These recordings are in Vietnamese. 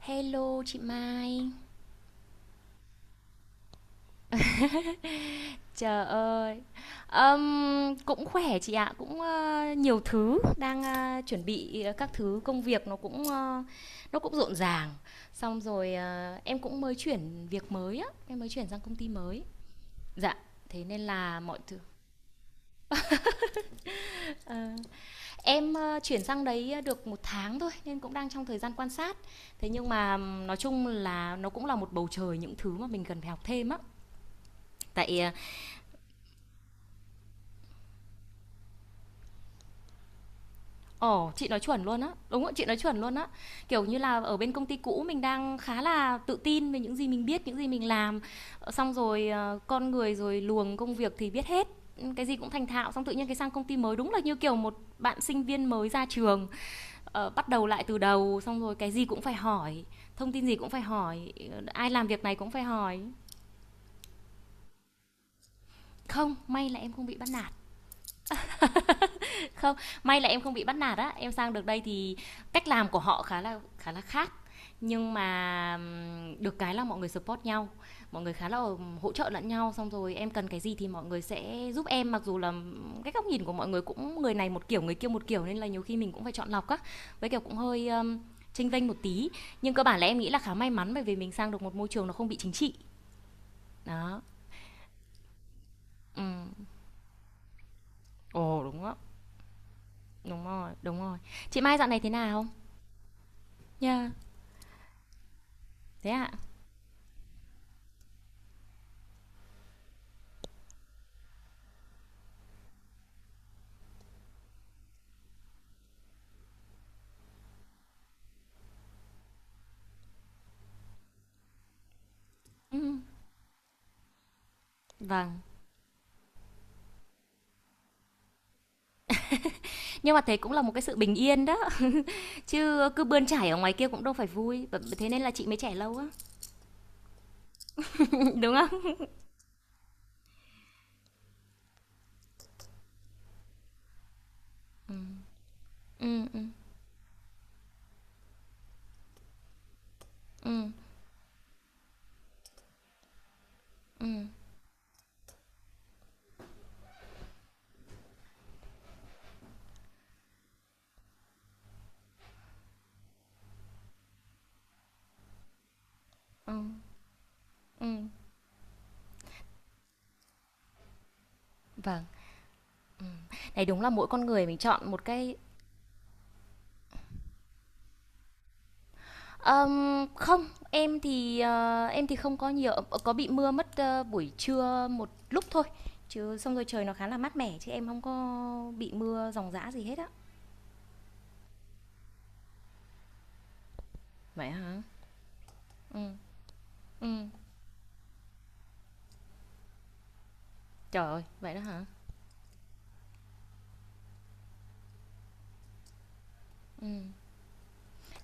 Hello chị Mai. Trời ơi. Cũng khỏe chị ạ, cũng nhiều thứ đang chuẩn bị các thứ công việc nó cũng nó cũng rộn ràng. Xong rồi em cũng mới chuyển việc mới á, em mới chuyển sang công ty mới. Dạ, thế nên là mọi thứ. Ờ, em chuyển sang đấy được một tháng thôi nên cũng đang trong thời gian quan sát. Thế nhưng mà nói chung là nó cũng là một bầu trời những thứ mà mình cần phải học thêm á. Tại. Ồ, chị nói chuẩn luôn á. Đúng ạ, chị nói chuẩn luôn á. Kiểu như là, ở bên công ty cũ mình đang khá là tự tin về những gì mình biết, những gì mình làm. Xong rồi, con người rồi luồng công việc thì biết hết, cái gì cũng thành thạo, xong tự nhiên cái sang công ty mới đúng là như kiểu một bạn sinh viên mới ra trường, bắt đầu lại từ đầu, xong rồi cái gì cũng phải hỏi, thông tin gì cũng phải hỏi, ai làm việc này cũng phải hỏi. Không, may là em không bị bắt nạt. Không, may là em không bị bắt nạt á, em sang được đây thì cách làm của họ khá là khác. Nhưng mà được cái là mọi người support nhau, mọi người khá là hỗ trợ lẫn nhau, xong rồi em cần cái gì thì mọi người sẽ giúp em, mặc dù là cái góc nhìn của mọi người cũng người này một kiểu, người kia một kiểu nên là nhiều khi mình cũng phải chọn lọc á. Với kiểu cũng hơi chênh vênh một tí, nhưng cơ bản là em nghĩ là khá may mắn bởi vì mình sang được một môi trường nó không bị chính trị. Đó. Ừ. Ồ đúng á. Đúng rồi, đúng rồi. Chị Mai dạo này thế nào? Nha, yeah. Thế ạ? À? Ừ. Vâng, nhưng mà thế cũng là một cái sự bình yên đó. Chứ cứ bươn chải ở ngoài kia cũng đâu phải vui. Thế nên là chị mới trẻ lâu á. Đúng không? Ừ, ừ. Vâng, này đúng là mỗi con người mình chọn một cái. Không, em thì em thì không có nhiều. Ờ, Có bị mưa mất buổi trưa một lúc thôi. Chứ xong rồi trời nó khá là mát mẻ, chứ em không có bị mưa ròng rã gì hết á. Vậy hả? Ừ, ừ. Trời ơi, vậy đó hả?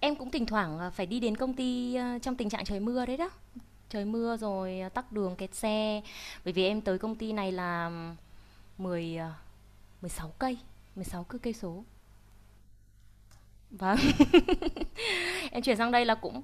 Em cũng thỉnh thoảng phải đi đến công ty trong tình trạng trời mưa đấy đó, trời mưa rồi à, tắc đường kẹt xe. Bởi vì em tới công ty này là 10 à, 16 cây, 16 cứ cây số và em chuyển sang đây là cũng.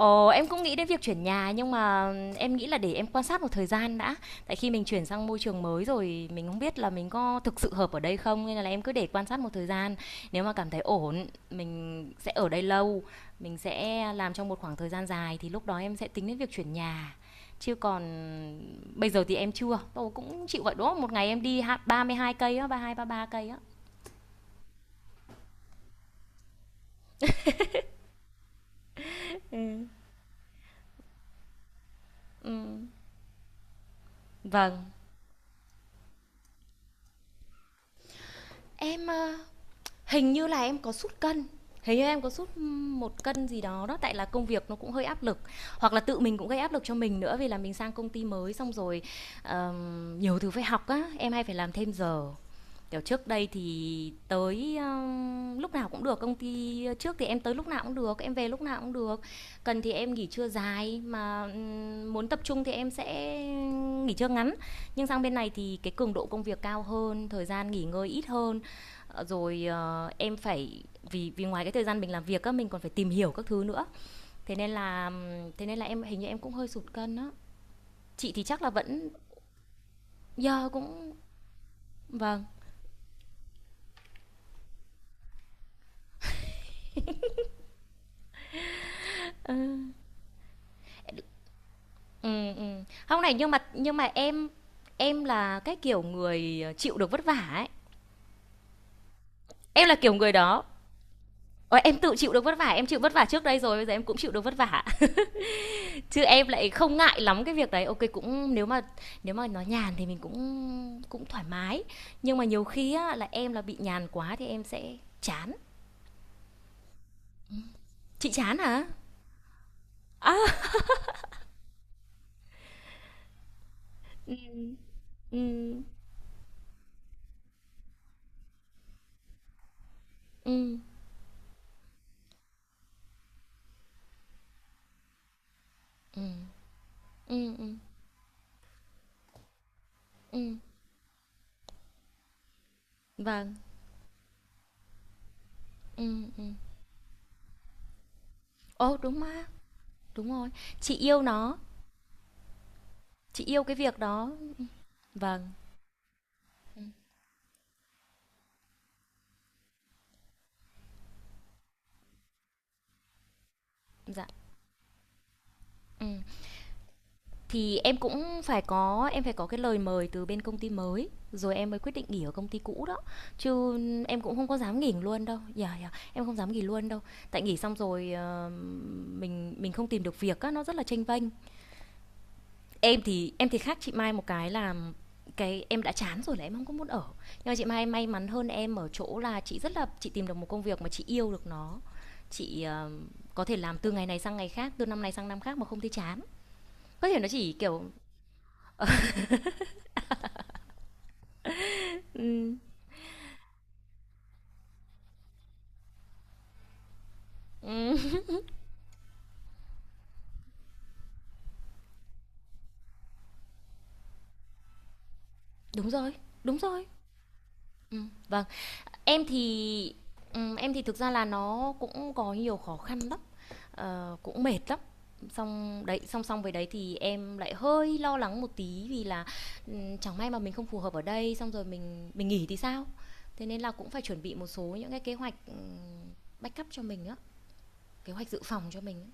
Em cũng nghĩ đến việc chuyển nhà nhưng mà em nghĩ là để em quan sát một thời gian đã. Tại khi mình chuyển sang môi trường mới rồi mình không biết là mình có thực sự hợp ở đây không nên là em cứ để quan sát một thời gian. Nếu mà cảm thấy ổn, mình sẽ ở đây lâu, mình sẽ làm trong một khoảng thời gian dài thì lúc đó em sẽ tính đến việc chuyển nhà. Chứ còn bây giờ thì em chưa. Tôi cũng chịu vậy đó, một ngày em đi 32 cây á, ba 32, 33 cây á. Ừ. Vâng. Em hình như là em có sút cân, hình như em có sút một cân gì đó đó, tại là công việc nó cũng hơi áp lực, hoặc là tự mình cũng gây áp lực cho mình nữa, vì là mình sang công ty mới xong rồi nhiều thứ phải học á, em hay phải làm thêm giờ. Kiểu, trước đây thì tới, lúc nào cũng được, công ty trước thì em tới lúc nào cũng được, em về lúc nào cũng được. Cần thì em nghỉ trưa dài, mà, muốn tập trung thì em sẽ nghỉ trưa ngắn. Nhưng sang bên này thì cái cường độ công việc cao hơn, thời gian nghỉ ngơi ít hơn, em phải, vì vì ngoài cái thời gian mình làm việc á, mình còn phải tìm hiểu các thứ nữa, thế nên là thế nên là em hình như em cũng hơi sụt cân á. Chị thì chắc là vẫn giờ, yeah, cũng vâng. Hông này, nhưng mà em là cái kiểu người, chịu được vất vả ấy, em là kiểu người đó. Ờ, em tự chịu được vất vả, em chịu vất vả trước đây rồi, bây giờ em cũng chịu được vất vả, chứ em lại không ngại lắm cái việc đấy. Ok, cũng nếu mà, nếu mà nó nhàn thì mình cũng cũng thoải mái, nhưng mà nhiều khi á là em là bị nhàn quá thì em sẽ chán. Chị chán hả? Á. Ừ, ừ, ừ. Ừm, ừm, vâng, ừ, ừ. Ồ, đúng mà, đúng rồi, chị yêu nó. Chị yêu cái việc đó. Vâng. Dạ. Ừ. Thì em cũng phải có, em phải có cái lời mời từ bên công ty mới rồi em mới quyết định nghỉ ở công ty cũ đó, chứ em cũng không có dám nghỉ luôn đâu, dạ dạ em không dám nghỉ luôn đâu. Tại nghỉ xong rồi mình không tìm được việc á nó rất là chênh vênh. Em thì khác chị Mai một cái là cái em đã chán rồi là em không có muốn ở. Nhưng mà chị Mai may mắn hơn em ở chỗ là chị rất là, chị tìm được một công việc mà chị yêu được nó. Chị có thể làm từ ngày này sang ngày khác, từ năm này sang năm khác mà không thấy chán. Có thể nó chỉ kiểu. Ừ, ừ, đúng rồi, đúng rồi. Ừ, vâng. Em thì, ừ, em thì thực ra là nó cũng có nhiều khó khăn lắm. Ờ, cũng mệt lắm. Xong đấy, song song với đấy thì em lại hơi lo lắng một tí, vì là, chẳng may mà mình không phù hợp ở đây, xong rồi mình nghỉ thì sao? Thế nên là cũng phải chuẩn bị một số những cái kế hoạch, backup cho mình á, kế hoạch dự phòng cho mình á.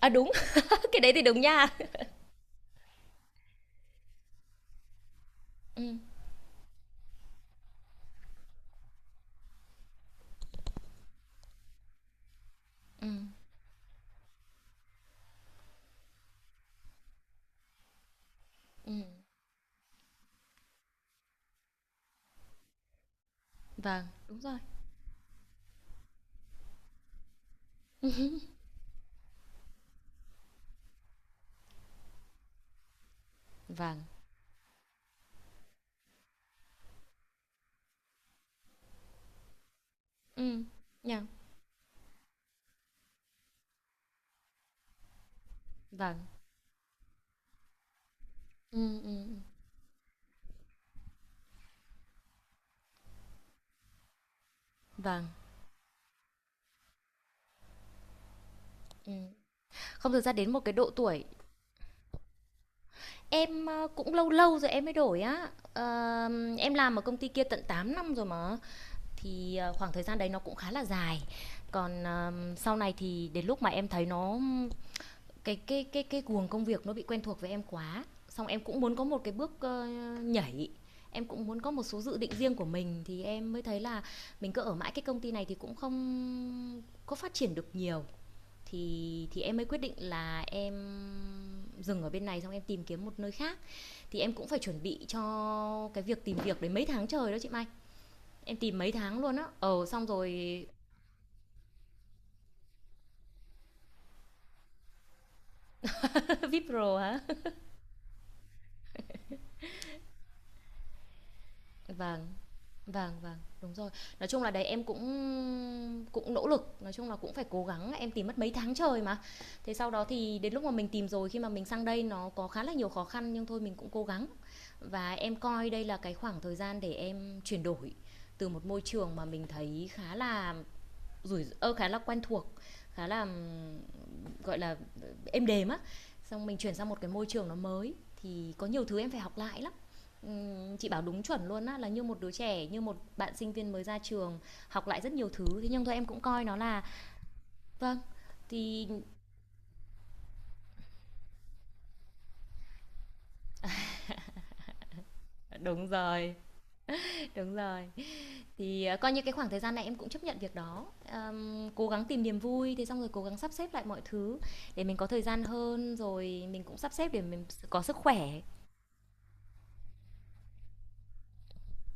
À, đúng, cái đấy thì đúng nha. Ừm, ừm, ừm. Vâng, đúng rồi. Vâng. Ừm, yeah. Vâng. Ừm, ừm, ừm. Vâng, ừm. Không, thực ra đến một cái độ tuổi. Em cũng lâu lâu rồi em mới đổi á. Ờ, em làm ở công ty kia tận 8 năm rồi mà. Thì, khoảng thời gian đấy nó cũng khá là dài. Còn, sau này thì đến lúc mà em thấy nó, cái guồng công việc nó bị quen thuộc với em quá, xong em cũng muốn có một cái bước, nhảy, em cũng muốn có một số dự định riêng của mình thì em mới thấy là mình cứ ở mãi cái công ty này thì cũng không có phát triển được nhiều. Thì em mới quyết định là em dừng ở bên này xong em tìm kiếm một nơi khác, thì em cũng phải chuẩn bị cho cái việc tìm việc đấy mấy tháng trời đó chị Mai. Em tìm mấy tháng luôn á. Ờ xong rồi VIP Pro hả? Vâng, vâng, vâng, đúng rồi. Nói chung là đấy em cũng cũng nỗ lực, nói chung là cũng phải cố gắng, em tìm mất mấy tháng trời mà. Thế sau đó thì đến lúc mà mình tìm rồi, khi mà mình sang đây nó có khá là nhiều khó khăn nhưng thôi mình cũng cố gắng. Và em coi đây là cái khoảng thời gian để em chuyển đổi từ một môi trường mà mình thấy khá là rủi ơ khá là quen thuộc, khá là, gọi là êm đềm á, xong mình chuyển sang một cái môi trường nó mới thì có nhiều thứ em phải học lại lắm. Chị bảo đúng chuẩn luôn á, là như một đứa trẻ, như một bạn sinh viên mới ra trường, học lại rất nhiều thứ, thế nhưng thôi em cũng coi nó là. Vâng. thì Đúng rồi, đúng rồi. Thì coi như cái khoảng thời gian này em cũng chấp nhận việc đó. Cố gắng tìm niềm vui, thế xong rồi cố gắng sắp xếp lại mọi thứ để mình có thời gian hơn, rồi mình cũng sắp xếp để mình có sức khỏe.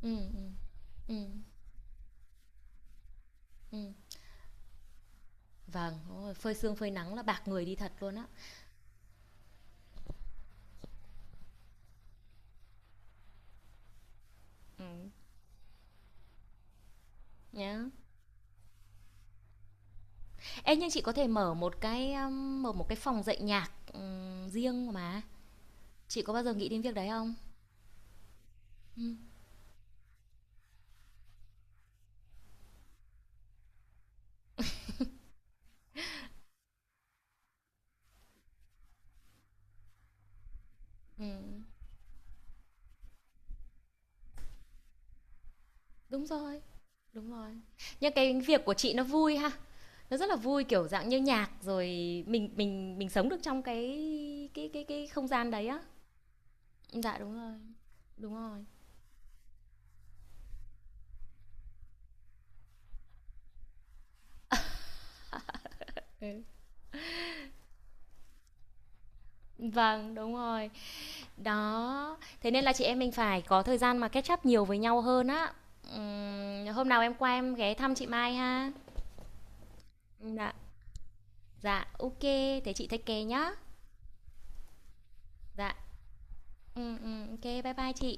Ừ, ừ, ừ, ừ, vâng, đúng, phơi sương phơi nắng là bạc người đi thật luôn á. Ừm, nhá. Ê, nhưng chị có thể mở một cái phòng dạy nhạc, riêng mà. Chị có bao giờ nghĩ đến việc đấy không? Ừm, ừm, đúng rồi, đúng rồi. Nhưng cái việc của chị nó vui ha, nó rất là vui, kiểu, dạng như nhạc rồi mình sống được trong cái cái không gian đấy á. Dạ, đúng rồi, đúng rồi. Ừ. Vâng, đúng rồi. Đó, thế nên là chị em mình phải có thời gian mà catch up nhiều với nhau hơn á. Hôm nào em qua em ghé thăm chị Mai ha. Dạ. Dạ, ok, thế chị take care nhá. Dạ. Ừ ừ, ok, bye bye chị.